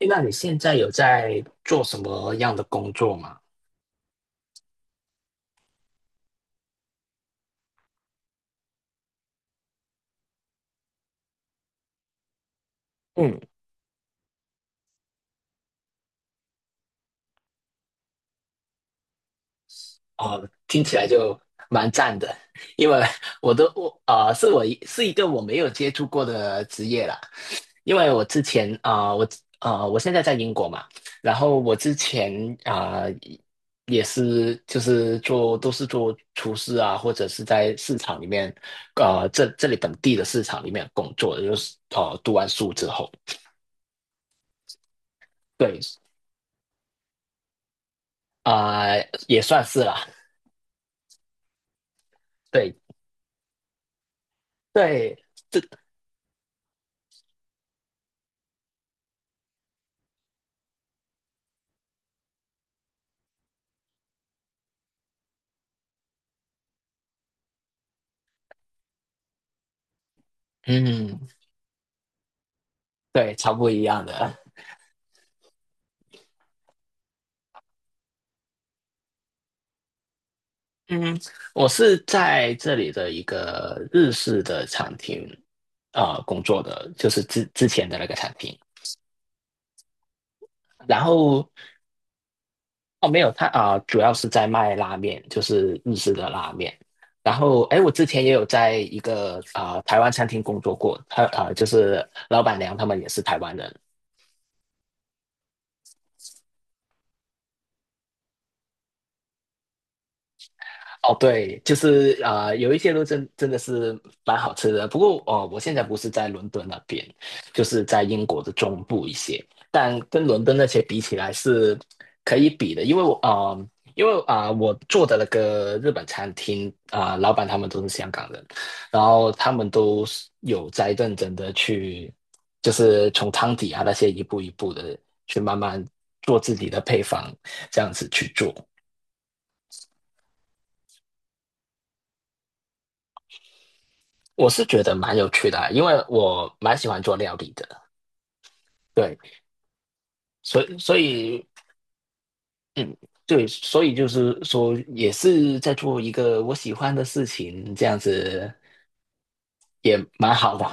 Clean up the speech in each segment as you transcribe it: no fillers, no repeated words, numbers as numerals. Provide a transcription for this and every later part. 诶那你现在有在做什么样的工作吗？嗯。哦，听起来就蛮赞的。因为我都我啊，是我一是一个我没有接触过的职业啦。因为我之前啊、呃我啊，我现在在英国嘛。然后我之前啊、呃也是就是做都是做厨师啊，或者是在市场里面，啊，这里本地的市场里面工作的，就是哦，读完书之后，对啊、也算是啦。对对，这嗯，对，超不一样的。嗯。我是在这里的一个日式的餐厅工作的，就是之前的那个餐厅。然后哦，没有，他主要是在卖拉面，就是日式的拉面。然后哎，我之前也有在一个台湾餐厅工作过，他就是老板娘他们也是台湾人。哦，对，就是有一些路真的是蛮好吃的。不过我现在不是在伦敦那边，就是在英国的中部一些，但跟伦敦那些比起来是可以比的。因为我做的那个日本餐厅老板他们都是香港人，然后他们都是有在认真的去，就是从汤底啊那些一步一步的去慢慢做自己的配方，这样子去做。我是觉得蛮有趣的啊，因为我蛮喜欢做料理的。对，所以所以嗯，对，所以就是说，也是在做一个我喜欢的事情，这样子也蛮好的。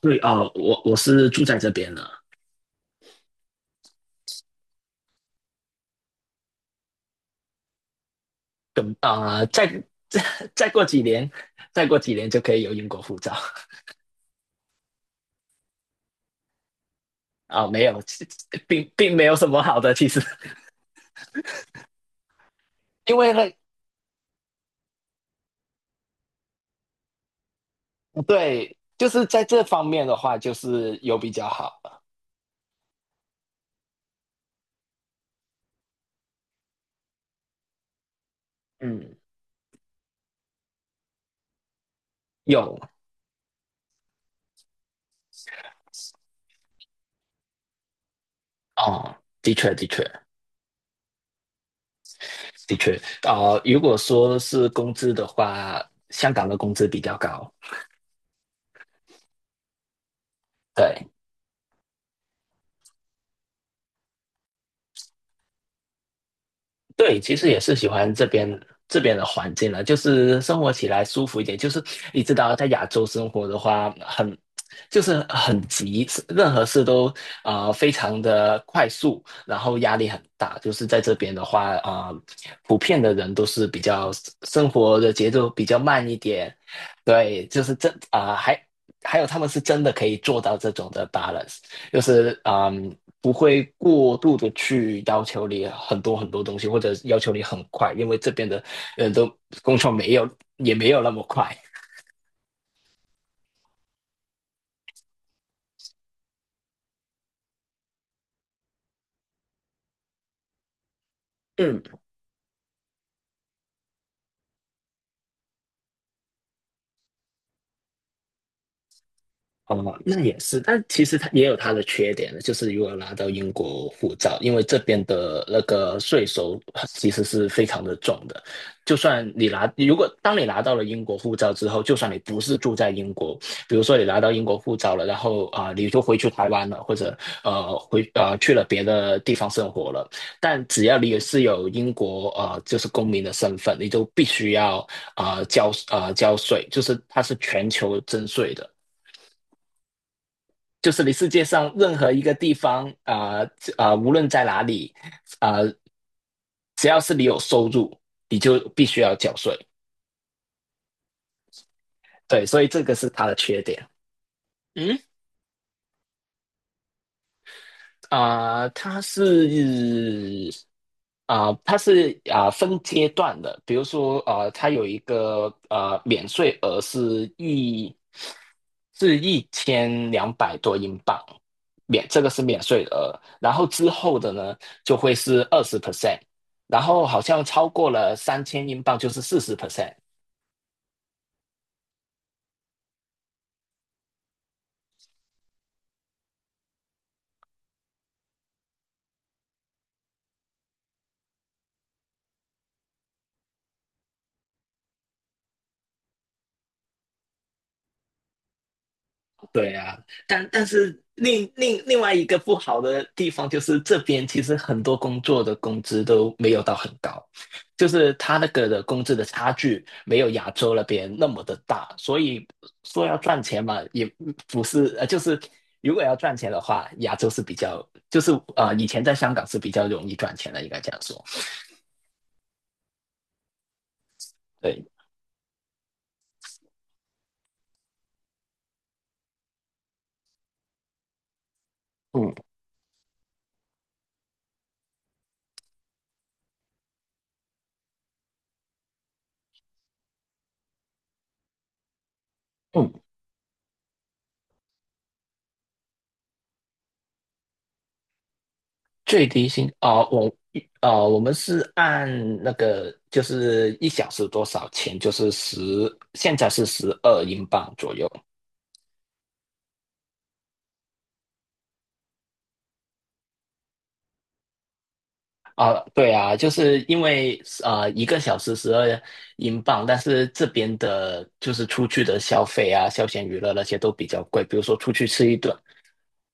对啊，哦我是住在这边了，等啊、呃再再再过几年，再过几年就可以有英国护照。没有，并没有什么好的，其实。因为呢，对，就是在这方面的话，就是有比较好。嗯。有哦。的确，的确，的确。如果说是工资的话，香港的工资比较高。对，对，其实也是喜欢这边的环境了，就是生活起来舒服一点。就是你知道，在亚洲生活的话，就是很急，任何事都非常的快速，然后压力很大。就是在这边的话，普遍的人都是生活的节奏比较慢一点。对，就是真啊、还还有他们是真的可以做到这种的 balance。就是不会过度的去要求你很多很多东西，或者要求你很快，因为这边的人都工作没有也没有那么快。嗯。哦，那也是，但其实它也有它的缺点。就是如果拿到英国护照，因为这边的那个税收其实是非常的重的。就算你拿，如果当你拿到了英国护照之后，就算你不是住在英国，比如说你拿到英国护照了，然后你就回去台湾了，或者呃回呃去了别的地方生活了，但只要你是有英国就是公民的身份，你就必须要交税，就是它是全球征税的。就是你世界上任何一个地方无论在哪里啊、呃只要是你有收入，你就必须要缴税。对，所以这个是它的缺点。嗯。啊、它是它是分阶段的。比如说它有一个免税额，是1,200多英镑。这个是免税额，然后之后的呢就会是20%，然后好像超过了3,000英镑就是40%。对啊，但是另外一个不好的地方，就是这边其实很多工作的工资都没有到很高，就是他那个的工资的差距没有亚洲那边那么的大。所以说要赚钱嘛，也不是，就是如果要赚钱的话，亚洲是比较就是，以前在香港是比较容易赚钱的，应该这样说。对。嗯嗯，最低薪哦，我哦，我们是按那个就是一小时多少钱，就是十，现在是十二英镑左右。啊，对啊，就是因为1个小时12英镑。但是这边的就是出去的消费啊，休闲娱乐那些都比较贵，比如说出去吃一顿，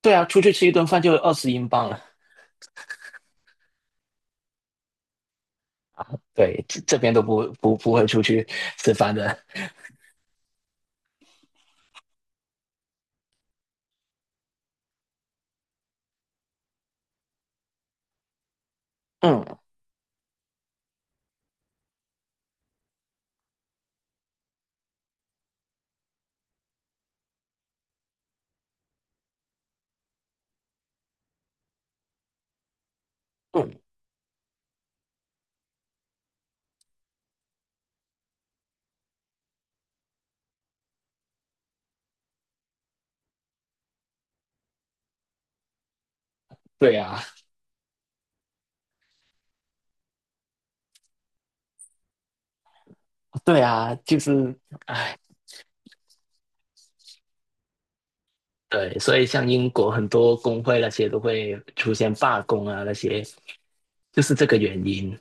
对啊，出去吃一顿饭就20英镑了。对，这边都不会出去吃饭的。嗯嗯。对啊，对啊，就是。唉对，所以像英国很多工会那些都会出现罢工啊，那些就是这个原因，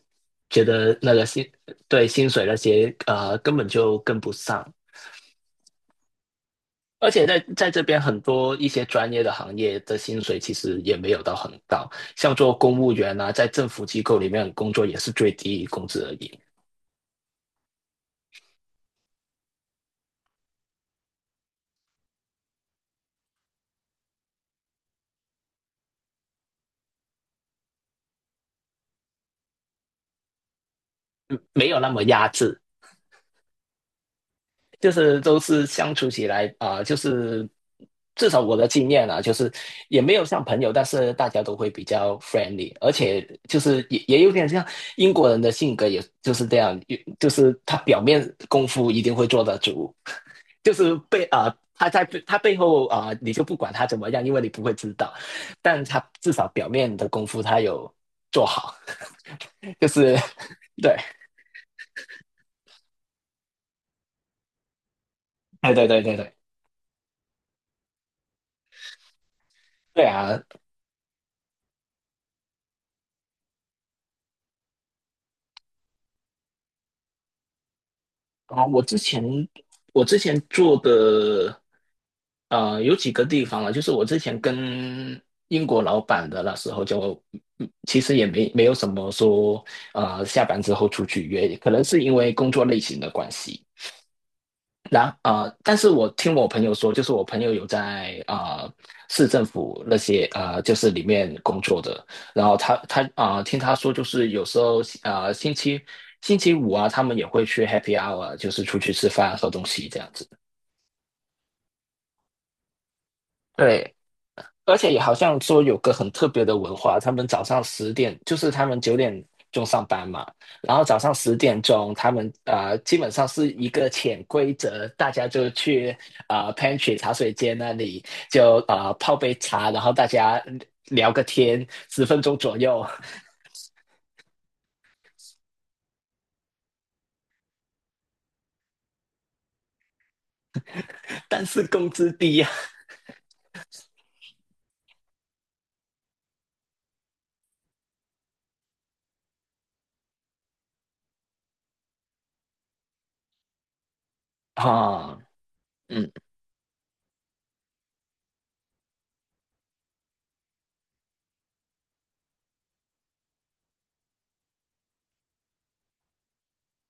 觉得那个对，薪水那些根本就跟不上。而且在这边很多一些专业的行业的薪水其实也没有到很高，像做公务员啊，在政府机构里面工作也是最低工资而已。嗯没有那么压制。就是都是相处起来就是至少我的经验啊，就是也没有像朋友，但是大家都会比较 friendly，而且就是也有点像英国人的性格，也就是这样。就是他表面功夫一定会做得足，就是他在他背后你就不管他怎么样，因为你不会知道，但他至少表面的功夫他有做好，就是。 对。哎，对对对对，对啊。啊，我之前我之前做的，有几个地方啊，就是我之前跟英国老板的那时候就，其实也没有什么说，下班之后出去约，可能是因为工作类型的关系。但是我听我朋友说，就是我朋友有在市政府那些啊，就是里面工作的。然后他听他说，就是有时候啊，星期五啊，他们也会去 happy hour，就是出去吃饭喝东西这样子。对，而且也好像说有个很特别的文化，他们早上十点，就是他们9点钟上班嘛，然后早上10点钟，他们基本上是一个潜规则，大家就去pantry 茶水间那里就泡杯茶，然后大家聊个天，10分钟左右。但是工资低啊。啊，嗯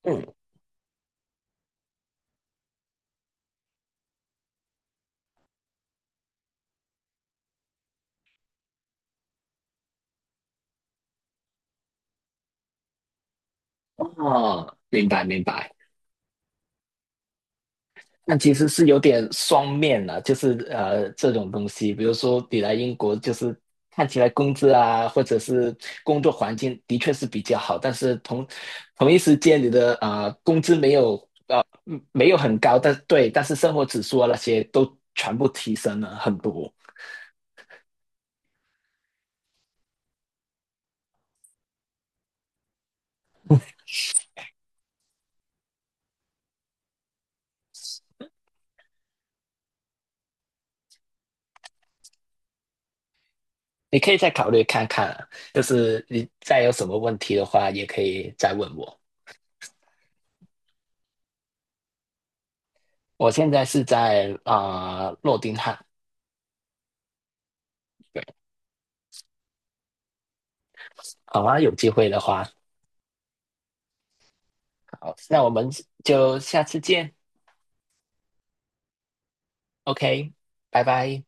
嗯，哦，明白明白。但其实是有点双面了，就是这种东西，比如说你来英国，就是看起来工资啊，或者是工作环境的确是比较好，但是同一时间你的工资没有很高。但对，但是生活指数啊那些都全部提升了很多。你可以再考虑看看啊，就是你再有什么问题的话，也可以再问我。我现在是在诺丁汉。对，好啊，有机会的话。好，那我们就下次见。OK，拜拜。